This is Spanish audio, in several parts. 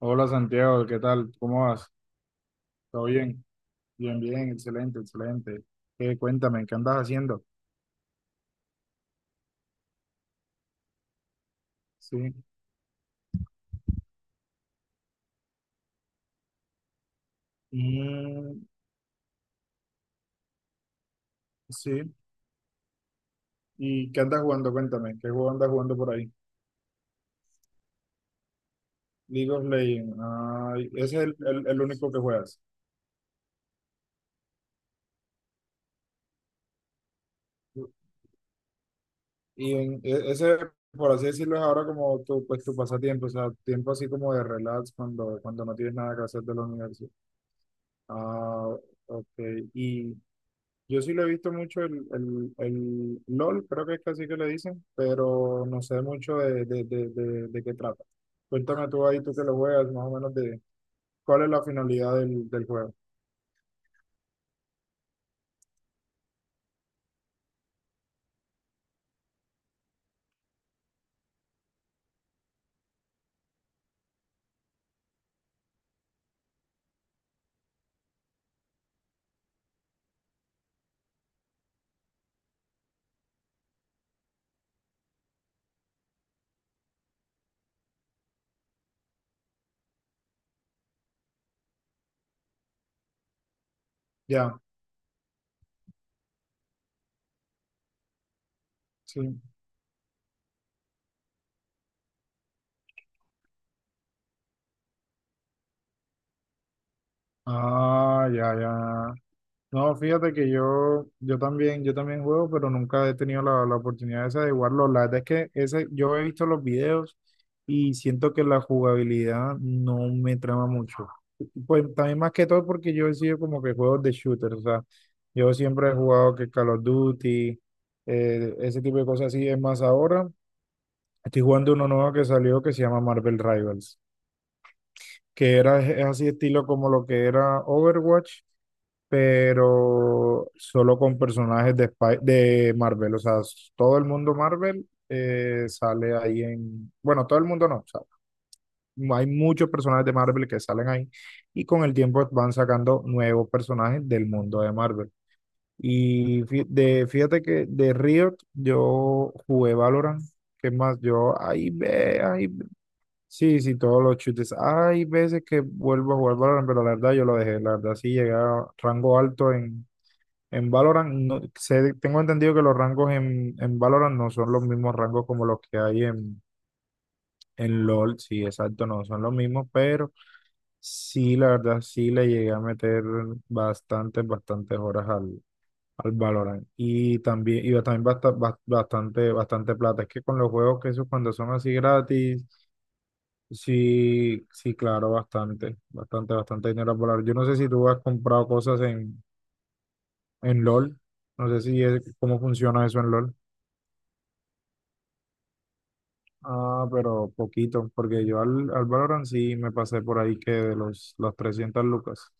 Hola Santiago, ¿qué tal? ¿Cómo vas? ¿Todo bien? Bien, bien, excelente, excelente. Cuéntame, ¿qué andas haciendo? Sí. Mm, sí. ¿Y qué andas jugando? Cuéntame, ¿qué juego andas jugando por ahí? League of Legends. Ay, ese es el único que juegas. Y ese, por así decirlo, es ahora como tu, pues, tu pasatiempo, o sea, tiempo así como de relax cuando no tienes nada que hacer de la universidad. Ah, ok. ¿Y Yo sí lo he visto mucho el LOL, creo que es que así que le dicen, pero no sé mucho de qué trata. Cuéntame tú ahí, tú que lo juegas, más o menos de cuál es la finalidad del juego. Ya, sí. Ah, ya, ya. No, fíjate que yo también juego, pero nunca he tenido la oportunidad esa de jugarlo. La verdad es que ese, yo he visto los videos y siento que la jugabilidad no me trama mucho. Pues también más que todo porque yo he sido como que juegos de shooter, o sea, yo siempre he jugado que Call of Duty, ese tipo de cosas así. Es más, ahora estoy jugando uno nuevo que salió que se llama Marvel Rivals, que era es así estilo como lo que era Overwatch pero solo con personajes de, de Marvel. O sea, todo el mundo Marvel sale ahí en... Bueno, todo el mundo no. O sea, hay muchos personajes de Marvel que salen ahí y con el tiempo van sacando nuevos personajes del mundo de Marvel. Y fíjate que de Riot yo jugué Valorant. ¿Qué más? Yo, ahí ve, ahí ve. Sí, sí, todos los chutes. Hay veces que vuelvo a jugar Valorant, pero la verdad yo lo dejé. La verdad sí llegué a rango alto en Valorant, tengo entendido que los rangos en Valorant no son los mismos rangos como los que hay en LOL, sí, exacto, no son los mismos, pero sí, la verdad, sí le llegué a meter bastantes, bastantes horas al Valorant. Y también bastante, bastante plata. Es que con los juegos que esos cuando son así gratis, sí, sí, claro, bastante, bastante, bastante dinero a volar. Yo no sé si tú has comprado cosas en LOL, no sé si es, cómo funciona eso en LOL. Ah, pero poquito, porque yo al Valorant sí me pasé por ahí que de los, las 300 lucas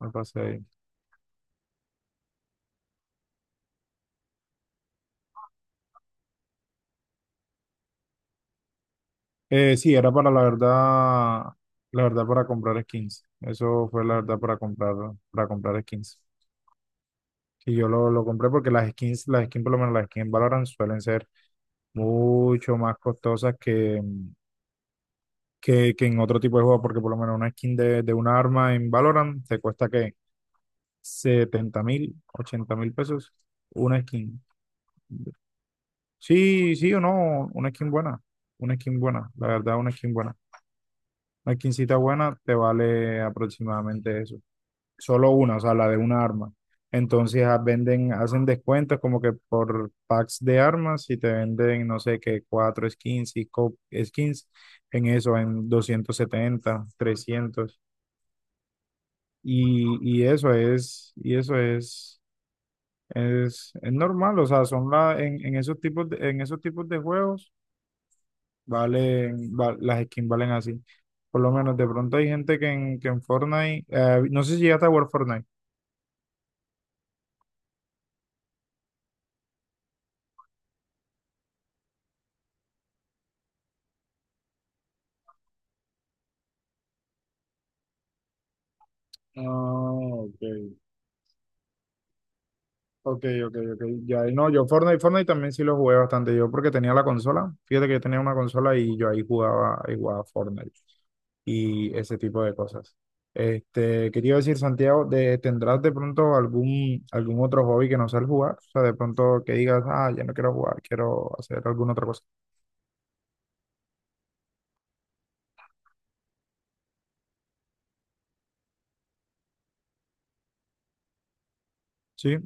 me pasé ahí. Sí, era para la verdad para comprar skins. Eso fue la verdad para comprar skins. Y yo lo compré porque por lo menos las skins en Valorant suelen ser mucho más costosas que en otro tipo de juego, porque por lo menos una skin de una arma en Valorant te cuesta que 70.000, 80.000 pesos una skin. Sí, sí o no, una skin buena, la verdad, una skin buena. Una skincita buena te vale aproximadamente eso. Solo una, o sea, la de una arma. Entonces ah, venden, hacen descuentos como que por packs de armas y te venden, no sé qué, cuatro skins, cinco skins en eso, en 270 300. Y eso es, es normal, o sea, son la, en esos tipos de, en esos tipos de juegos. Valen, las skins valen así. Por lo menos de pronto hay gente que en Fortnite, no sé si llegaste a jugar Fortnite. Ah, ok. Ok, ok, ok. Ya, no, yo Fortnite también sí lo jugué bastante. Yo porque tenía la consola. Fíjate que yo tenía una consola y yo ahí jugaba Fortnite y ese tipo de cosas. Este, quería decir, Santiago, de, ¿tendrás de pronto algún, algún otro hobby que no sea el jugar? O sea, de pronto que digas, ah, ya no quiero jugar, quiero hacer alguna otra cosa. Sí,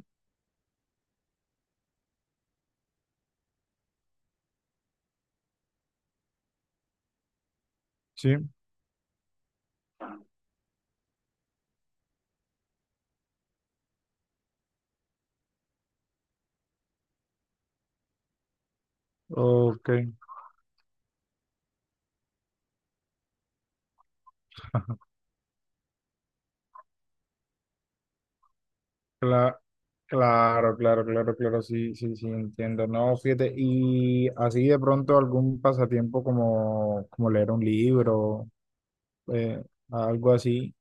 sí, ok. Cla- Claro, claro, claro, claro, sí, sí, sí, entiendo. No, fíjate, y así de pronto algún pasatiempo como, como leer un libro, eh, algo así.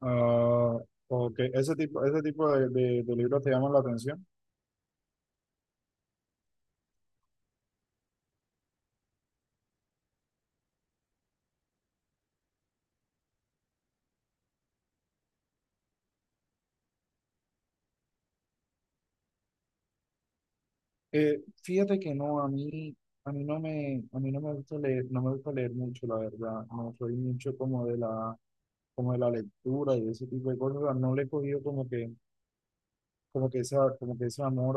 Ah, o que ese tipo de libros te llaman la atención. Fíjate que no, a mí, a mí no me gusta leer, no me gusta leer mucho, la verdad. No soy mucho como como de la lectura y ese tipo de cosas. O sea, no le he cogido como que esa, como que ese amor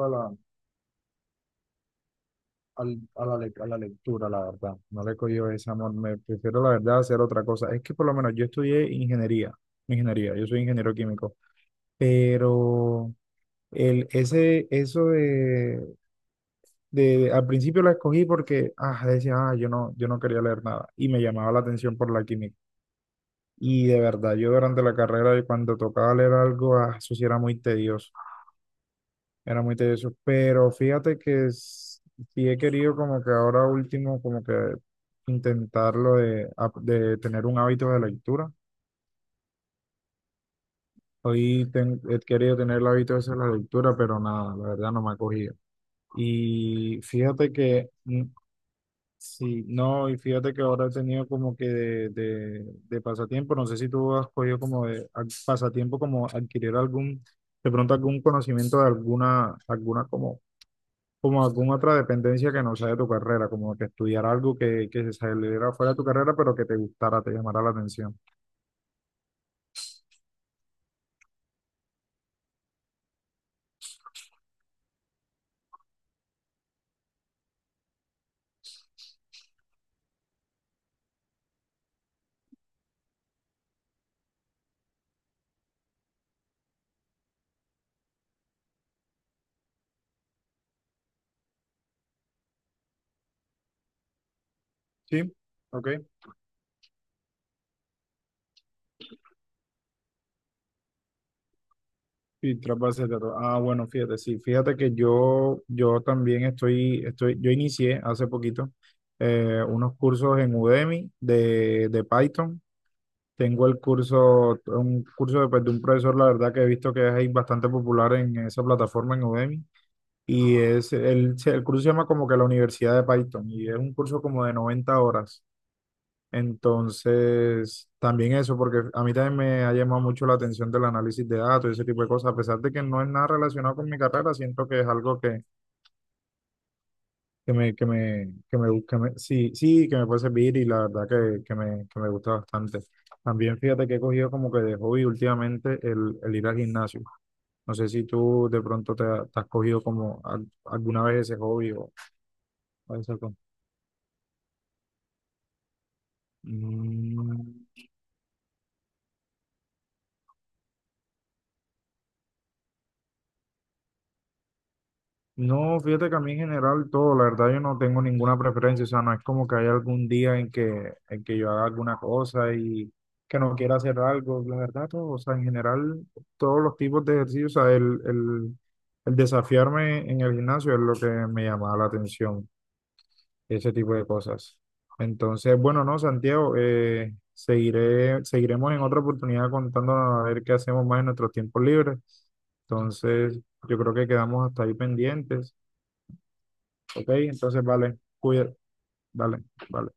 a la, a la lectura, la verdad. No le he cogido ese amor. Me prefiero, la verdad, hacer otra cosa. Es que por lo menos yo estudié ingeniería. Ingeniería, yo soy ingeniero químico. Pero eso al principio la escogí porque ah, decía, ah, yo no quería leer nada. Y me llamaba la atención por la química. Y de verdad, yo durante la carrera, cuando tocaba leer algo, ah, eso sí era muy tedioso. Era muy tedioso, pero fíjate que sí he querido como que ahora último como que intentarlo de tener un hábito de lectura. Hoy he querido tener el hábito ese de la lectura, pero nada, la verdad no me ha cogido. Y fíjate que, sí, no, y fíjate que ahora he tenido como que de pasatiempo, no sé si tú has cogido como pasatiempo como adquirir algún, de pronto algún conocimiento de alguna, como alguna otra dependencia que no sea de tu carrera, como que estudiar algo que se saliera fuera de tu carrera, pero que te gustara, te llamara la atención. ¿Sí? Ok. Y tras bases de datos. Ah, bueno, fíjate, sí, fíjate que yo también yo inicié hace poquito unos cursos en Udemy de Python. Tengo el curso, un curso de, pues, de un profesor, la verdad que he visto que es ahí bastante popular en esa plataforma en Udemy. Y es el curso se llama como que la Universidad de Python y es un curso como de 90 horas. Entonces, también eso, porque a mí también me ha llamado mucho la atención del análisis de datos y ese tipo de cosas, a pesar de que no es nada relacionado con mi carrera, siento que es algo que me, que me, que me, que me- sí, sí, que me puede servir y la verdad que me gusta bastante. También fíjate que he cogido como que de hobby últimamente el ir al gimnasio. No sé si tú de pronto te has cogido como alguna vez ese hobby o esa. Mm, no, fíjate que a mí en general todo, la verdad yo no tengo ninguna preferencia, o sea, no es como que haya algún día en que, yo haga alguna cosa y que no quiera hacer algo, la verdad todo, o sea, en general todos los tipos de ejercicios, o sea, el desafiarme en el gimnasio es lo que me llamaba la atención. Ese tipo de cosas. Entonces, bueno, no, Santiago, seguiremos en otra oportunidad contándonos a ver qué hacemos más en nuestros tiempos libres. Entonces, yo creo que quedamos hasta ahí pendientes. Ok, entonces, vale, cuida, dale, vale.